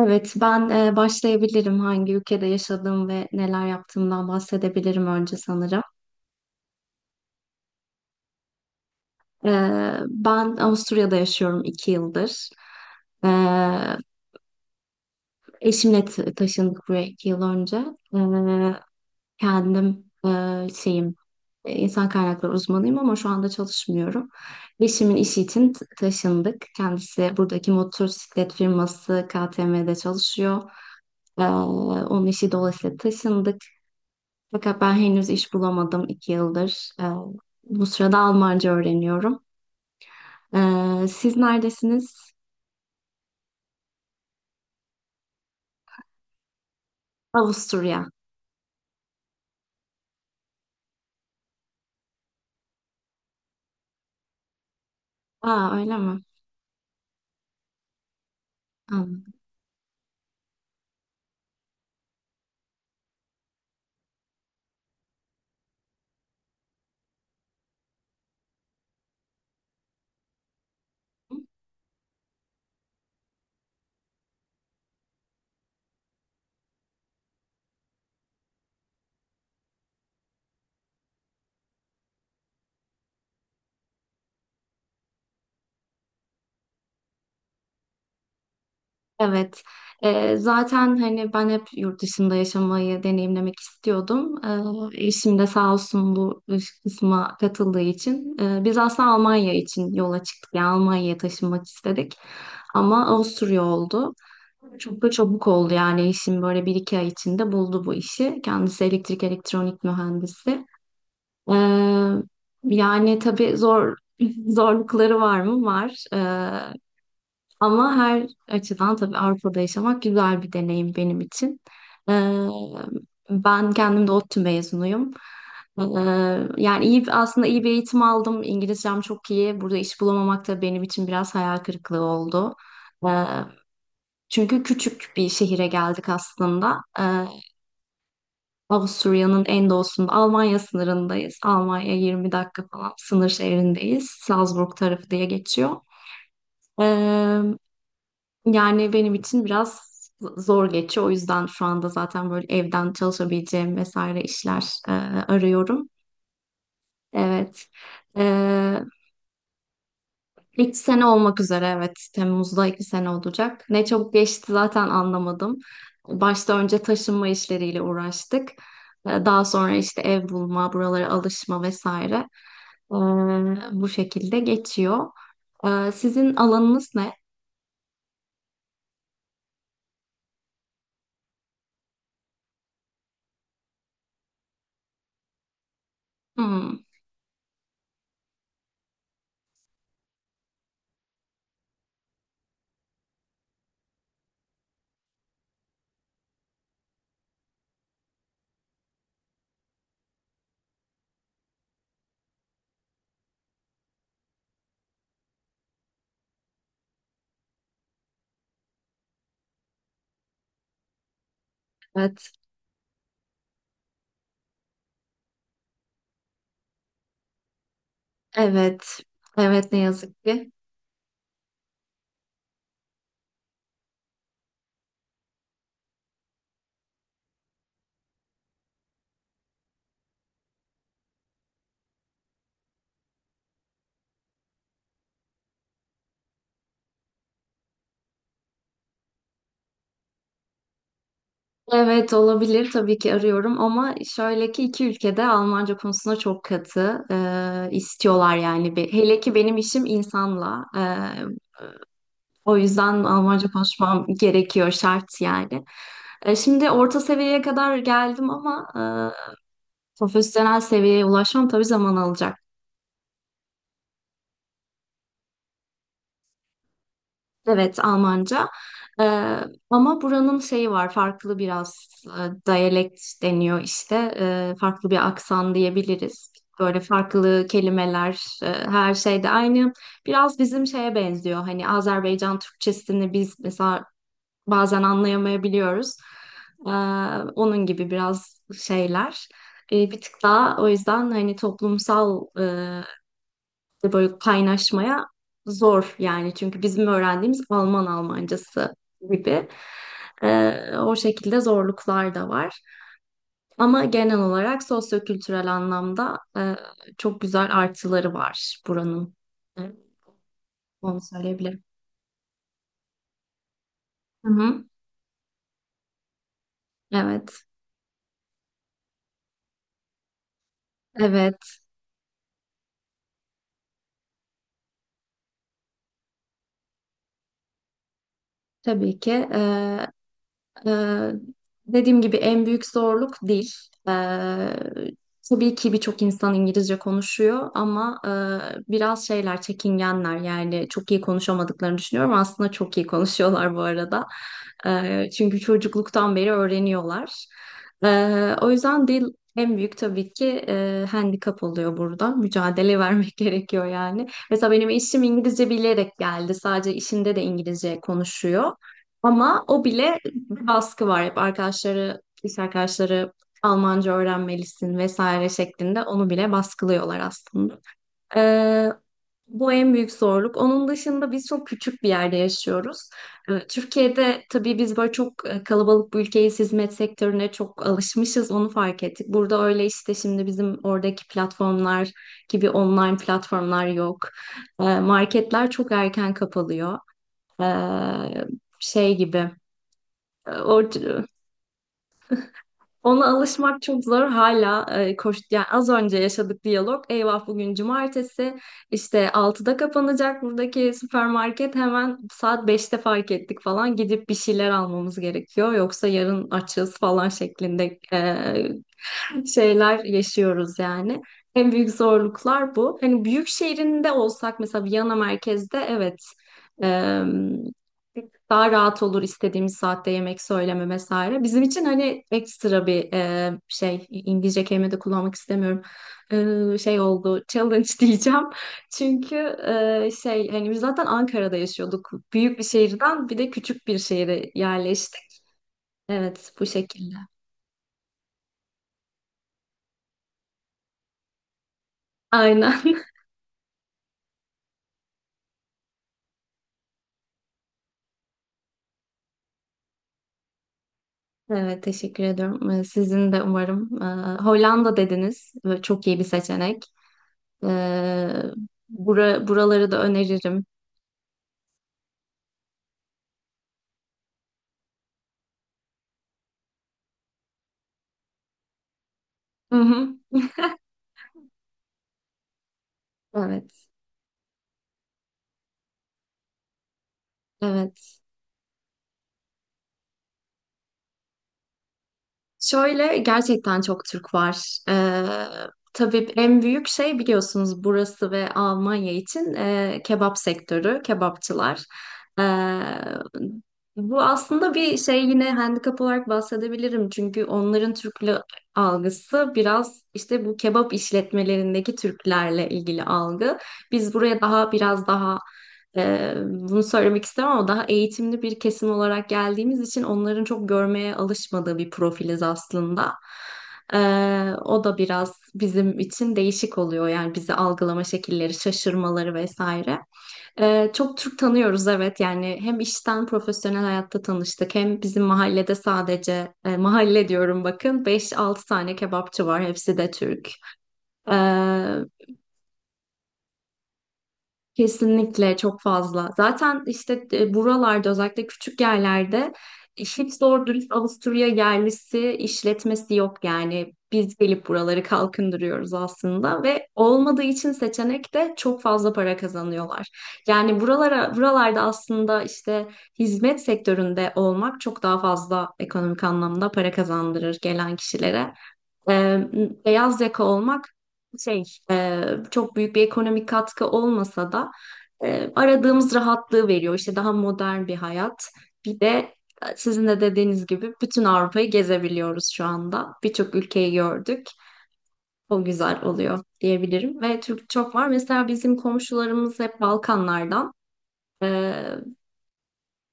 Evet, ben başlayabilirim hangi ülkede yaşadığım ve neler yaptığımdan bahsedebilirim önce sanırım. E, Ben Avusturya'da yaşıyorum 2 yıldır. E, Eşimle taşındık buraya 2 yıl önce. E, Kendim insan kaynakları uzmanıyım ama şu anda çalışmıyorum. Eşimin işi için taşındık. Kendisi buradaki motosiklet firması KTM'de çalışıyor. Onun işi dolayısıyla taşındık. Fakat ben henüz iş bulamadım 2 yıldır. Bu sırada Almanca öğreniyorum. Siz neredesiniz? Avusturya. Aa, öyle mi? Anladım. Evet. Zaten hani ben hep yurt dışında yaşamayı deneyimlemek istiyordum. Eşim de sağ olsun bu iş kısma katıldığı için. Biz aslında Almanya için yola çıktık. Yani Almanya'ya taşınmak istedik. Ama Avusturya oldu. Çok da çabuk oldu yani eşim böyle bir iki ay içinde buldu bu işi. Kendisi elektrik elektronik mühendisi. Ee, Yani tabii zor zorlukları var mı? Var. Ama her açıdan tabii Avrupa'da yaşamak güzel bir deneyim benim için. Ee, Ben kendim de ODTÜ mezunuyum. Ee, Yani aslında iyi bir eğitim aldım. İngilizcem çok iyi. Burada iş bulamamak da benim için biraz hayal kırıklığı oldu. Ee, Çünkü küçük bir şehire geldik aslında. Avusturya'nın en doğusunda, Almanya sınırındayız. Almanya 20 dakika falan sınır şehrindeyiz. Salzburg tarafı diye geçiyor. Ee, Yani benim için biraz zor geçiyor. O yüzden şu anda zaten böyle evden çalışabileceğim vesaire işler arıyorum. Evet. E, 2 sene olmak üzere, evet. Temmuz'da 2 sene olacak. Ne çabuk geçti zaten anlamadım. Başta önce taşınma işleriyle uğraştık. Daha sonra işte ev bulma, buralara alışma vesaire. E, Bu şekilde geçiyor. Sizin alanınız ne? Hmm, evet. Evet. Evet, ne yazık ki. Evet, olabilir tabii ki arıyorum ama şöyle ki iki ülkede Almanca konusunda çok katı istiyorlar yani. Hele ki benim işim insanla, o yüzden Almanca konuşmam gerekiyor, şart yani. Şimdi orta seviyeye kadar geldim ama profesyonel seviyeye ulaşmam tabii zaman alacak. Evet, Almanca. Ee, Ama buranın şeyi var, farklı biraz diyalekt deniyor işte. Farklı bir aksan diyebiliriz. Böyle farklı kelimeler, her şey de aynı. Biraz bizim şeye benziyor. Hani Azerbaycan Türkçesini biz mesela bazen anlayamayabiliyoruz. Ee, Onun gibi biraz şeyler. Bir tık daha o yüzden hani toplumsal de böyle kaynaşmaya zor yani, çünkü bizim öğrendiğimiz Alman Almancası gibi. O şekilde zorluklar da var. Ama genel olarak sosyokültürel anlamda çok güzel artıları var buranın. Evet, onu söyleyebilirim. Hı hı. Evet, evet. Tabii ki. Ee, Dediğim gibi en büyük zorluk dil. Ee, tabii ki birçok insan İngilizce konuşuyor ama biraz şeyler çekingenler yani çok iyi konuşamadıklarını düşünüyorum. Aslında çok iyi konuşuyorlar bu arada. Çünkü çocukluktan beri öğreniyorlar. O yüzden dil en büyük tabii ki handikap oluyor burada. Mücadele vermek gerekiyor yani. Mesela benim eşim İngilizce bilerek geldi. Sadece işinde de İngilizce konuşuyor. Ama o bile, bir baskı var hep arkadaşları, lise arkadaşları Almanca öğrenmelisin vesaire şeklinde onu bile baskılıyorlar aslında. Ee, Bu en büyük zorluk. Onun dışında biz çok küçük bir yerde yaşıyoruz. Türkiye'de tabii biz böyle çok kalabalık bir ülkeyiz, hizmet sektörüne çok alışmışız, onu fark ettik. Burada öyle işte şimdi bizim oradaki platformlar gibi online platformlar yok. Marketler çok erken kapalıyor. Ee, Şey gibi. Ona alışmak çok zor hala, koş yani az önce yaşadık diyalog. Eyvah, bugün cumartesi işte 6'da kapanacak buradaki süpermarket, hemen saat 5'te fark ettik falan, gidip bir şeyler almamız gerekiyor. Yoksa yarın açız falan şeklinde şeyler yaşıyoruz yani. En büyük zorluklar bu. Hani büyük şehrinde olsak mesela Viyana merkezde, evet, em, daha rahat olur istediğimiz saatte yemek söyleme vesaire. Bizim için hani ekstra bir şey, İngilizce kelime de kullanmak istemiyorum. Şey oldu challenge diyeceğim. Çünkü şey hani biz zaten Ankara'da yaşıyorduk. Büyük bir şehirden bir de küçük bir şehire yerleştik. Evet, bu şekilde. Aynen. Evet, teşekkür ediyorum. Sizin de umarım. Hollanda dediniz. Böyle çok iyi bir seçenek. Ee, Buraları da öneririm. Hı hı. Evet, evet. Şöyle gerçekten çok Türk var. Tabii en büyük şey biliyorsunuz, burası ve Almanya için kebap sektörü, kebapçılar. Ee, Bu aslında bir şey, yine handikap olarak bahsedebilirim. Çünkü onların Türklü algısı biraz işte bu kebap işletmelerindeki Türklerle ilgili algı. Biz buraya daha biraz daha bunu söylemek istemem ama daha eğitimli bir kesim olarak geldiğimiz için onların çok görmeye alışmadığı bir profiliz aslında. O da biraz bizim için değişik oluyor, yani bizi algılama şekilleri, şaşırmaları vesaire. Çok Türk tanıyoruz, evet, yani hem işten profesyonel hayatta tanıştık, hem bizim mahallede, sadece mahalle diyorum bakın, beş altı tane kebapçı var, hepsi de Türk. Ee, Kesinlikle çok fazla. Zaten işte buralarda özellikle küçük yerlerde hiç doğru dürüst Avusturya yerlisi işletmesi yok yani. Biz gelip buraları kalkındırıyoruz aslında ve olmadığı için seçenek de, çok fazla para kazanıyorlar. Yani buralarda aslında işte hizmet sektöründe olmak çok daha fazla ekonomik anlamda para kazandırır gelen kişilere. Ee, Beyaz yaka olmak şey e, çok büyük bir ekonomik katkı olmasa da aradığımız rahatlığı veriyor. İşte daha modern bir hayat. Bir de sizin de dediğiniz gibi bütün Avrupa'yı gezebiliyoruz şu anda. Birçok ülkeyi gördük. O güzel oluyor diyebilirim. Ve Türk çok var. Mesela bizim komşularımız hep Balkanlardan. E,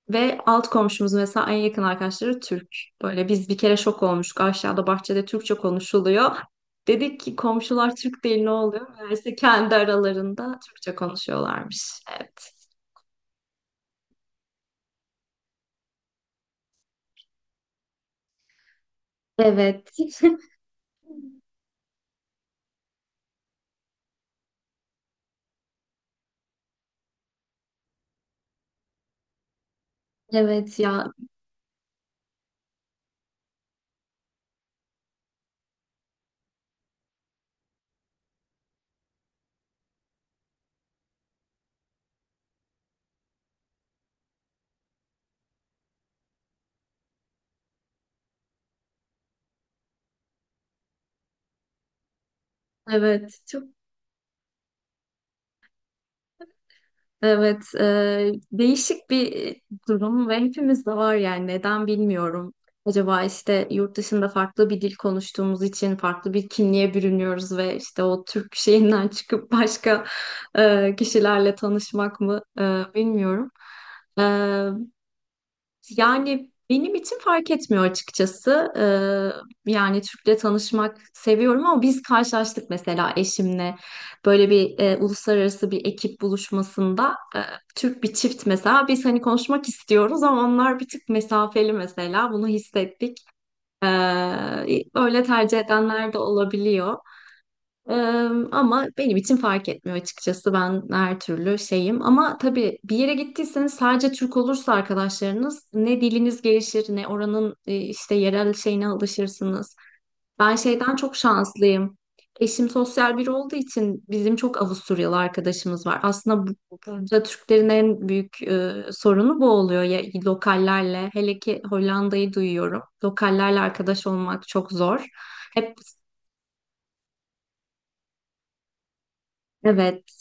Ve alt komşumuz mesela en yakın arkadaşları Türk. Böyle biz bir kere şok olmuştuk. Aşağıda bahçede Türkçe konuşuluyor. Dedik ki komşular Türk değil, ne oluyor? Meğerse kendi aralarında Türkçe konuşuyorlarmış. Evet. Evet. Evet ya, evet, çok, evet, değişik bir durum ve hepimizde var yani, neden bilmiyorum. Acaba işte yurt dışında farklı bir dil konuştuğumuz için farklı bir kimliğe bürünüyoruz ve işte o Türk şeyinden çıkıp başka kişilerle tanışmak mı bilmiyorum. E, Yani benim için fark etmiyor açıkçası. Yani Türk'le tanışmak seviyorum ama biz karşılaştık mesela eşimle, böyle bir uluslararası bir ekip buluşmasında, Türk bir çift mesela, biz hani konuşmak istiyoruz ama onlar bir tık mesafeli, mesela bunu hissettik. Ee, Öyle tercih edenler de olabiliyor. Ee, Ama benim için fark etmiyor açıkçası. Ben her türlü şeyim. Ama tabii bir yere gittiyseniz sadece Türk olursa arkadaşlarınız, ne diliniz gelişir ne oranın işte yerel şeyine alışırsınız. Ben şeyden çok şanslıyım. Eşim sosyal biri olduğu için bizim çok Avusturyalı arkadaşımız var. Aslında burada Türklerin en büyük sorunu bu oluyor. Ya, lokallerle, hele ki Hollanda'yı duyuyorum, lokallerle arkadaş olmak çok zor. Hep evet.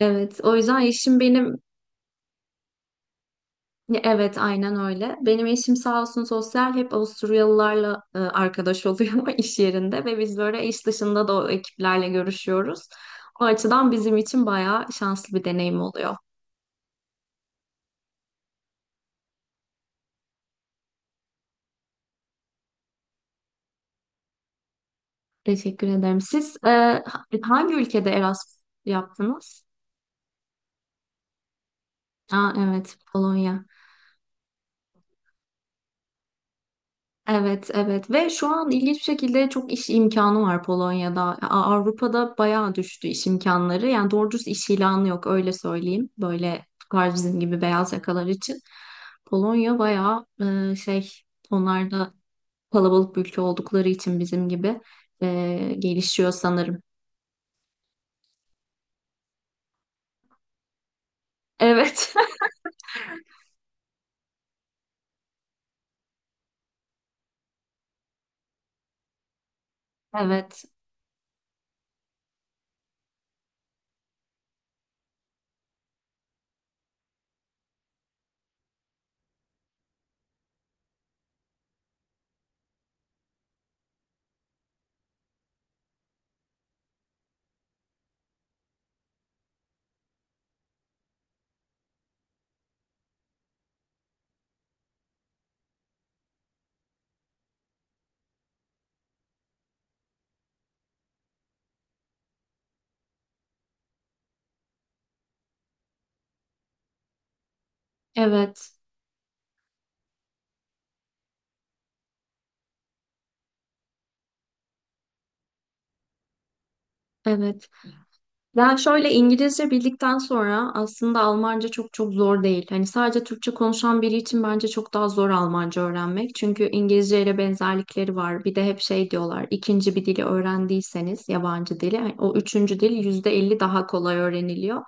Evet, o yüzden eşim benim, evet, aynen öyle. Benim eşim sağ olsun sosyal, hep Avusturyalılarla arkadaş oluyor iş yerinde ve biz böyle iş dışında da o ekiplerle görüşüyoruz. O açıdan bizim için bayağı şanslı bir deneyim oluyor. Teşekkür ederim. Siz hangi ülkede Erasmus yaptınız? Aa, evet, Polonya. Evet, evet ve şu an ilginç bir şekilde çok iş imkanı var Polonya'da. Avrupa'da bayağı düştü iş imkanları. Yani doğru dürüst iş ilanı yok, öyle söyleyeyim. Böyle tukar, bizim gibi beyaz yakalar için. Polonya bayağı e, şey onlar da kalabalık bir ülke oldukları için bizim gibi gelişiyor sanırım. Evet. Evet, evet, evet. Ben şöyle, İngilizce bildikten sonra aslında Almanca çok çok zor değil. Hani sadece Türkçe konuşan biri için bence çok daha zor Almanca öğrenmek. Çünkü İngilizce ile benzerlikleri var. Bir de hep şey diyorlar: ikinci bir dili öğrendiyseniz yabancı dili, hani o üçüncü dil %50 daha kolay öğreniliyor.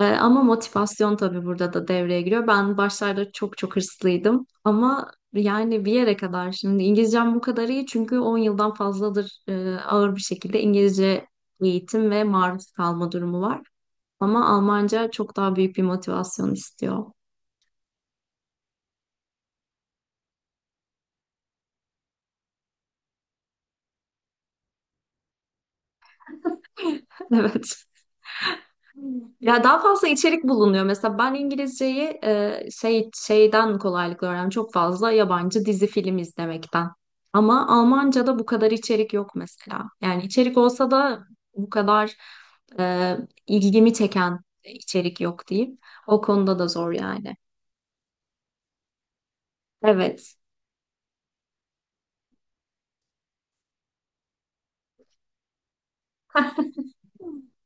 Ama motivasyon tabii burada da devreye giriyor. Ben başlarda çok çok hırslıydım ama yani bir yere kadar, şimdi İngilizcem bu kadar iyi çünkü 10 yıldan fazladır ağır bir şekilde İngilizce eğitim ve maruz kalma durumu var. Ama Almanca çok daha büyük bir motivasyon istiyor. Evet. Ya, daha fazla içerik bulunuyor. Mesela ben İngilizceyi şeyden kolaylıkla öğrendim. Çok fazla yabancı dizi film izlemekten. Ama Almanca'da bu kadar içerik yok mesela. Yani içerik olsa da bu kadar e, ilgimi çeken içerik yok diyeyim. O konuda da zor yani. Evet.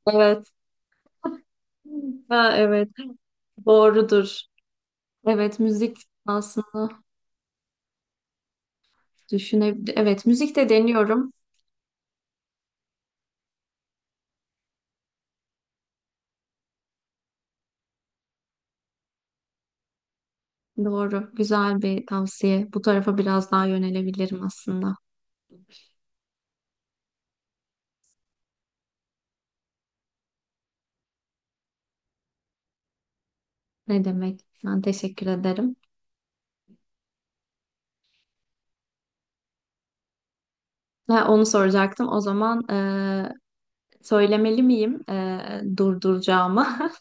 Evet. Ha, evet. Doğrudur. Evet, müzik aslında düşünebilirim. Evet, müzik de deniyorum. Doğru. Güzel bir tavsiye. Bu tarafa biraz daha yönelebilirim aslında. Ne demek? Ben teşekkür ederim. Ha, onu soracaktım. O zaman söylemeli miyim durduracağımı?